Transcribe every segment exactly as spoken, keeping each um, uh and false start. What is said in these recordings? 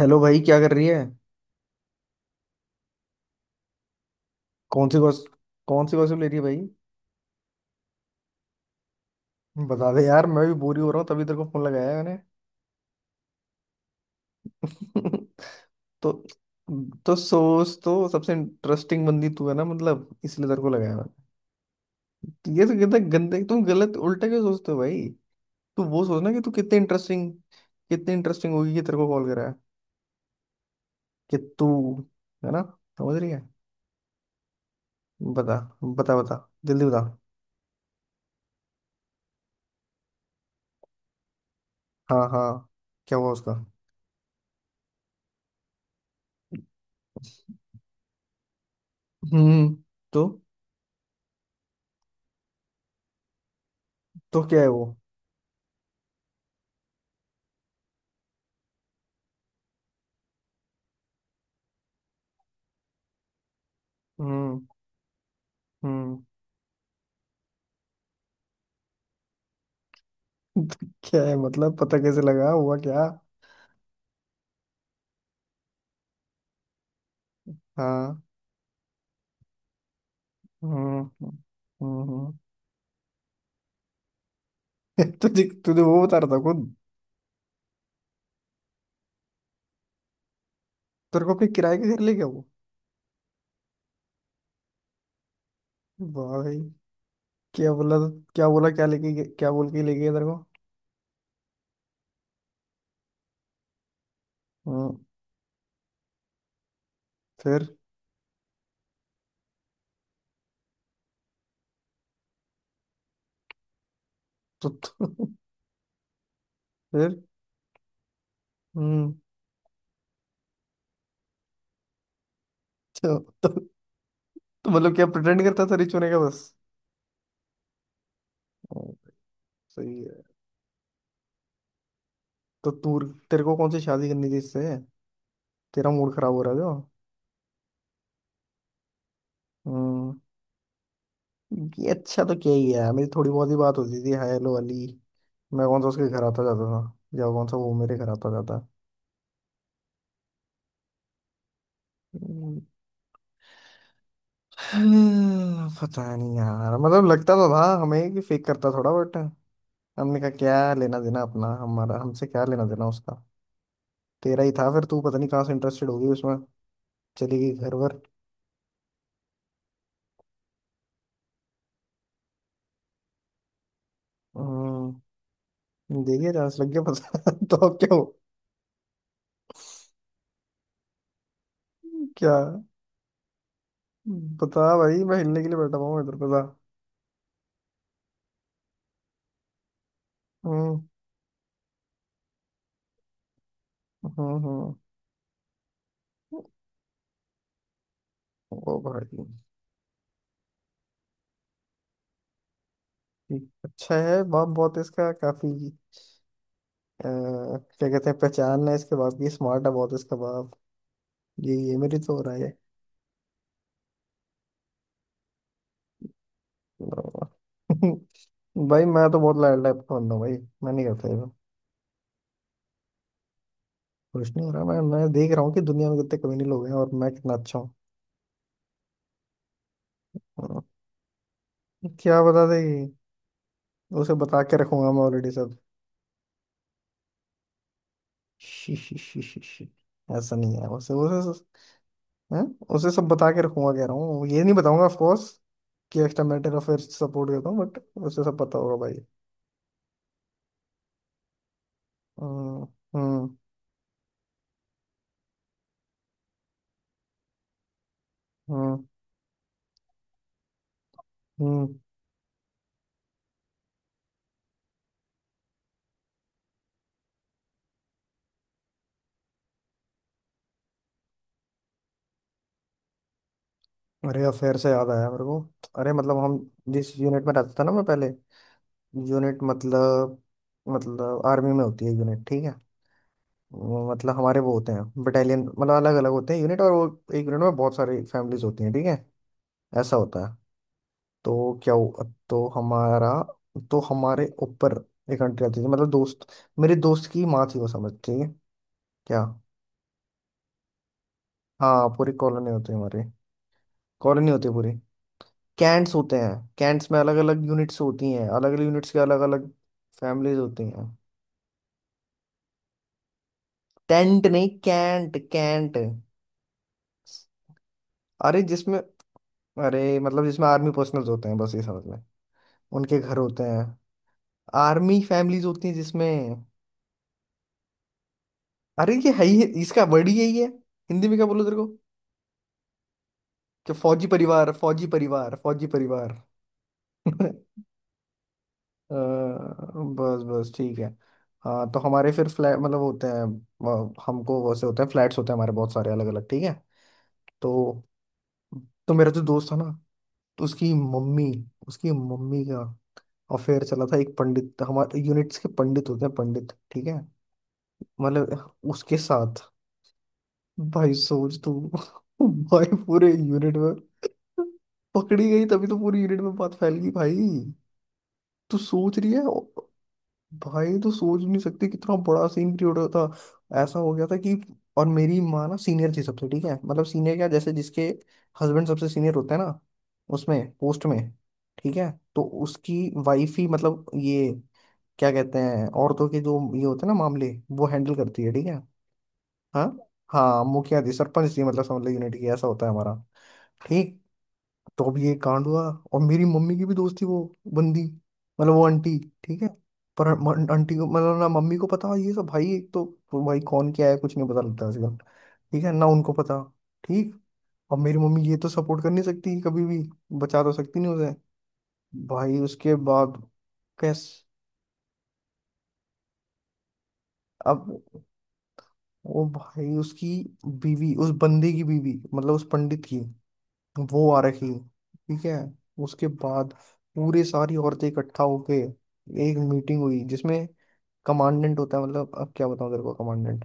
Hello भाई क्या कर रही है। कौन सी गॉस, कौन सी गॉसिप ले रही है भाई। बता दे यार, मैं भी बोरी हो रहा हूँ तभी तेरे को फोन लगाया है मैंने। तो तो सोच, तो सबसे इंटरेस्टिंग बंदी तू है ना, मतलब इसलिए तेरे को लगाया मैंने। तो ये तो कितना गंदे, तुम गलत उल्टा क्यों सोचते हो भाई। तू वो सोच ना कि तू कितने इंटरेस्टिंग, कितनी इंटरेस्टिंग होगी कि तेरे को कॉल करा है। कि तू, है ना, समझ रही है। बता बता बता, जल्दी बता। हाँ हाँ, क्या हुआ उसका। हम्म, तो तो क्या है वो। हम्म। हम्म। क्या है मतलब, पता कैसे लगा, हुआ क्या। हाँ। हम्म हम्म हम्म। तुझे तुझे वो बता रहा था खुद। तेरे को अपने किराए के घर ले गया वो। वाह भाई। क्या बोला, क्या बोला, क्या लेके गया- क्या बोल के ले गया तेरे को। हम्म। फिर। तो, तो फिर। हम्म। तो, तो, तो मतलब क्या, प्रिटेंड करता था रिच होने का बस। ओ, सही है। तो तू, तेरे को कौन सी शादी करनी थी इससे, तेरा मूड खराब हो रहा है जो। हम्म। ये अच्छा तो क्या ही है, मेरी थोड़ी बहुत ही बात होती थी हाय हेलो वाली। मैं कौन सा उसके घर आता जाता था, या कौन सा वो मेरे घर आता जाता। हम्म, पता नहीं यार। मतलब लगता तो था हमें कि फेक करता थोड़ा, बट हमने कहा क्या लेना देना अपना, हमारा हमसे क्या लेना देना उसका। तेरा ही था फिर, तू पता नहीं कहाँ से इंटरेस्टेड होगी उसमें, चली गई घर वर। हम्म, देखिए जांच लग गया पता। तो अब क्या हो। क्या पता भाई, मैं हिलने के लिए बैठा हुआ हूँ इधर, पता। हम्म हम्म हम्म। ओ भाई। ठीक, अच्छा है, बम बहुत है इसका काफी। अ, क्या कहते हैं, पहचान है इसके बाप की, स्मार्ट है बहुत इसका बाप। ये ये मेरी तो हो रहा है। अ, भाई मैं तो बहुत लाइट टाइप का बंदा हूँ भाई, मैं नहीं करता ये सब। खुश नहीं हो रहा, मैं मैं देख रहा हूँ कि दुनिया में कितने कमीने लोग हैं और मैं कितना अच्छा हूँ। अ, क्या बता दे। उसे बता के रखूंगा मैं ऑलरेडी सब। शी, शी, शी, शी, शी। ऐसा नहीं है, उसे उसे। हैं? उसे सब बता के रखूंगा कह रहा हूँ, ये नहीं बताऊंगा ऑफ कोर्स कि एक्स्ट्रा मैटर अफेयर सपोर्ट करता हूँ, बट उसे सब पता होगा भाई। हम्म हम्म हम्म। हम्म। अरे, अफेयर से याद आया मेरे को। अरे मतलब हम, जिस यूनिट में रहता था ना मैं पहले। यूनिट मतलब, मतलब आर्मी में होती है यूनिट ठीक है। वो मतलब हमारे वो होते हैं बटालियन, मतलब अलग अलग होते हैं यूनिट, और वो एक यूनिट में बहुत सारी फैमिलीज होती हैं, ठीक है। ऐसा होता है। तो क्या हुआ, तो हमारा, तो हमारे ऊपर एक आंटी रहती थी, मतलब दोस्त, मेरे दोस्त की माँ थी वो, समझ ठीक है। क्या। हाँ पूरी कॉलोनी होती है हमारी। कॉलोनी होती है पूरी। कैंट्स होते हैं। कैंट्स में अलग अलग यूनिट्स होती हैं, अलग अलग यूनिट्स के अलग अलग फैमिलीज होती हैं। टेंट नहीं, कैंट कैंट। अरे जिसमें, अरे मतलब जिसमें आर्मी पर्सनल्स होते हैं बस, ये समझ में, उनके घर होते हैं। आर्मी फैमिलीज होती हैं जिसमें। अरे ये है ही इसका वर्ड ही यही है। हिंदी में क्या बोलो तेरे को कि फौजी परिवार, फौजी परिवार, फौजी परिवार। अ, बस बस ठीक है। हाँ तो हमारे फिर फ्लैट मतलब होते हैं, अ, हमको वैसे होते हैं, फ्लैट्स होते हैं हमारे बहुत सारे अलग अलग, ठीक है। तो तो मेरा जो दोस्त था ना, तो उसकी मम्मी, उसकी मम्मी का अफेयर चला था एक पंडित, हमारे यूनिट्स के पंडित होते हैं पंडित, ठीक है, मतलब उसके साथ। भाई सोच तू। भाई पूरे यूनिट में पकड़ी गई, तभी तो पूरी यूनिट में बात फैल गई भाई। तू सोच रही है भाई, तो सोच नहीं सकते कितना बड़ा सीन क्रिएट हुआ था, ऐसा हो गया था कि। और मेरी माँ ना सीनियर थी सबसे, ठीक है, मतलब सीनियर क्या जैसे जिसके हस्बैंड सबसे सीनियर होता है ना, उसमें पोस्ट में, ठीक है। तो उसकी वाइफ ही, मतलब ये क्या कहते हैं, औरतों के जो ये होते हैं ना मामले, वो हैंडल करती है ठीक है। हाँ। हाँ मुखिया थी, सरपंच थी, मतलब समझ लो यूनिट की, ऐसा होता है हमारा। ठीक। तो अब ये कांड हुआ। और मेरी मम्मी की भी दोस्त थी वो बंदी, मतलब वो आंटी, ठीक है। पर म- आंटी को मतलब, ना मम्मी को पता ये सब भाई, एक तो, भाई कौन क्या है कुछ नहीं पता लगता आजकल, ठीक है ना, उनको पता। ठीक। अब मेरी मम्मी ये तो सपोर्ट कर नहीं सकती कभी भी, बचा तो सकती नहीं उसे। भाई उसके बाद। कैस। अब वो भाई उसकी बीवी, उस बंदे की बीवी मतलब, उस पंडित की, वो आ रखी, ठीक है। उसके बाद पूरे सारी औरतें इकट्ठा होके एक मीटिंग हुई, जिसमें कमांडेंट होता है, मतलब अब क्या बताऊं तेरे को कमांडेंट।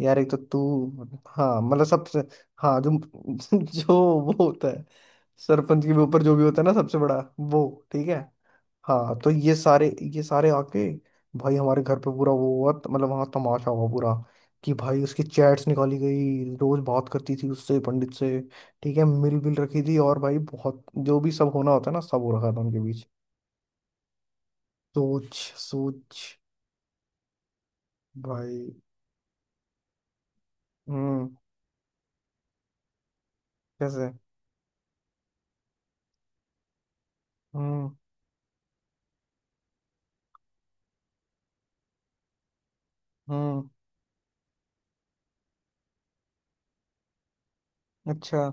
यार एक तो तू। हाँ मतलब सबसे, हाँ जो जो वो होता है, सरपंच के भी ऊपर जो भी होता है ना सबसे बड़ा वो, ठीक है। हाँ तो ये सारे, ये सारे आके, भाई हमारे घर पे पूरा वो हुआ, त- मतलब वहाँ तमाशा हुआ पूरा, कि भाई उसकी चैट्स निकाली गई, रोज बात करती थी उससे, पंडित से, ठीक है, मिल विल रखी थी, और भाई बहुत जो भी सब होना होता है ना सब हो रखा था उनके बीच। सोच। सोच भाई। हम्म। कैसे। हम्म। हम्म। अच्छा।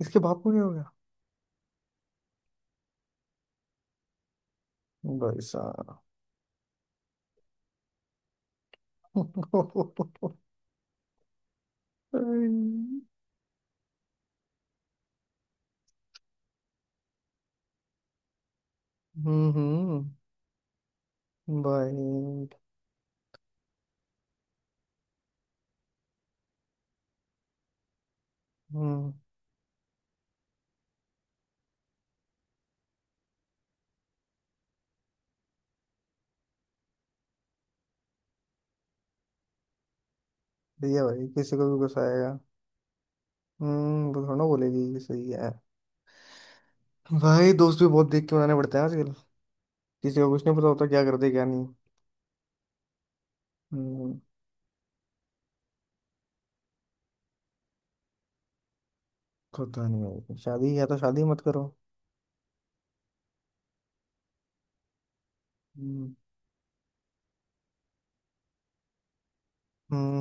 इसके बाप को क्या हो गया। भाई साहब। हम्म। हम्म। भाई। हम्म। सही है भाई, किसी को भी गुस्सा आएगा। हम्म, वो थोड़ा बोलेगी कि सही है। भाई दोस्त भी बहुत देख के बनाने पड़ते हैं आजकल, किसी को कुछ नहीं पता होता क्या कर दे क्या नहीं। हम्म। पता नहीं भाई, शादी या तो शादी मत करो। हम्म। हम्म।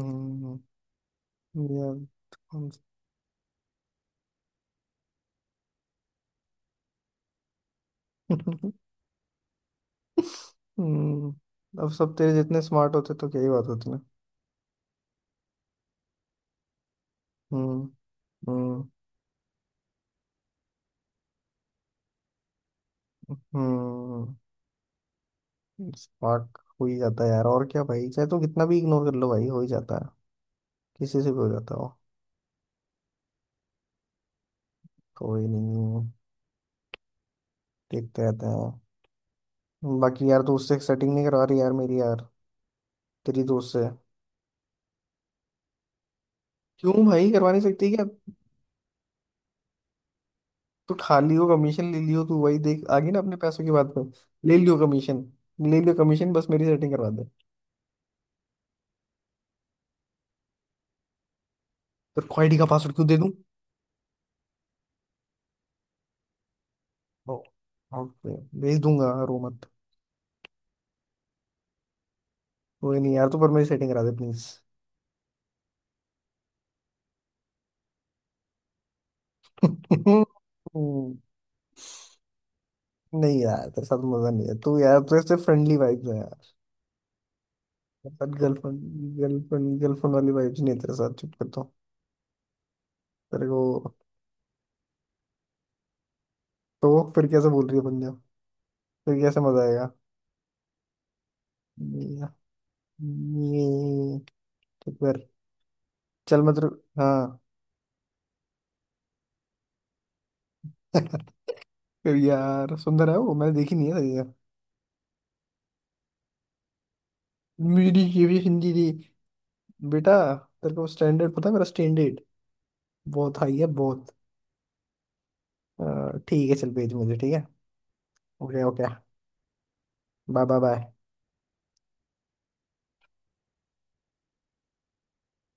हम्म, यार। हम- हम्म, अब सब तेरे जितने स्मार्ट होते तो क्या ही बात होती ना। हम्म। हम्म। हम्म, स्मार्ट हो ही जाता है यार, और क्या भाई, चाहे तो कितना भी इग्नोर कर लो भाई हो ही जाता है, किसी से भी हो जाता हो। कोई नहीं, देखते रहते हैं। बाकी यार दोस्त से सेटिंग नहीं करवा रही यार मेरी यार, तेरी दोस्त से। क्यों भाई, करवा नहीं सकती क्या। तू खा लियो कमीशन, ले लियो, तू वही देख आ गई ना अपने पैसों की बात पे। ले लियो कमीशन, ले लियो कमीशन, बस मेरी सेटिंग करवा दे। तो क्वालिटी का पासवर्ड क्यों दे दूं। ओ, ओके, भेज दूंगा रो मत। कोई नहीं यार, तू पर मेरी सेटिंग करा दे प्लीज। नहीं यार तेरे साथ मजा नहीं है तू यार, तेरे से फ्रेंडली वाइब्स है यार। तेरे साथ गर्लफ्रेंड, गर्लफ्रेंड गर्लफ्रेंड वाली वाइब्स नहीं है तेरे साथ, चुप कर दो तेरे को। तो वो फिर कैसे बोल रही है पंजाब, फिर कैसे मजा आएगा। ये ये- तो फिर चल मैं तेरे। हाँ। फिर यार सुंदर है वो, मैंने देखी नहीं है तभी यार। मेरी ये भी हिंदी थी बेटा। तेरे को स्टैंडर्ड पता है मेरा, स्टैंडर्ड बहुत हाई है बहुत। अ, ठीक है चल, भेज मुझे, ठीक है। Okay okay, bye bye bye.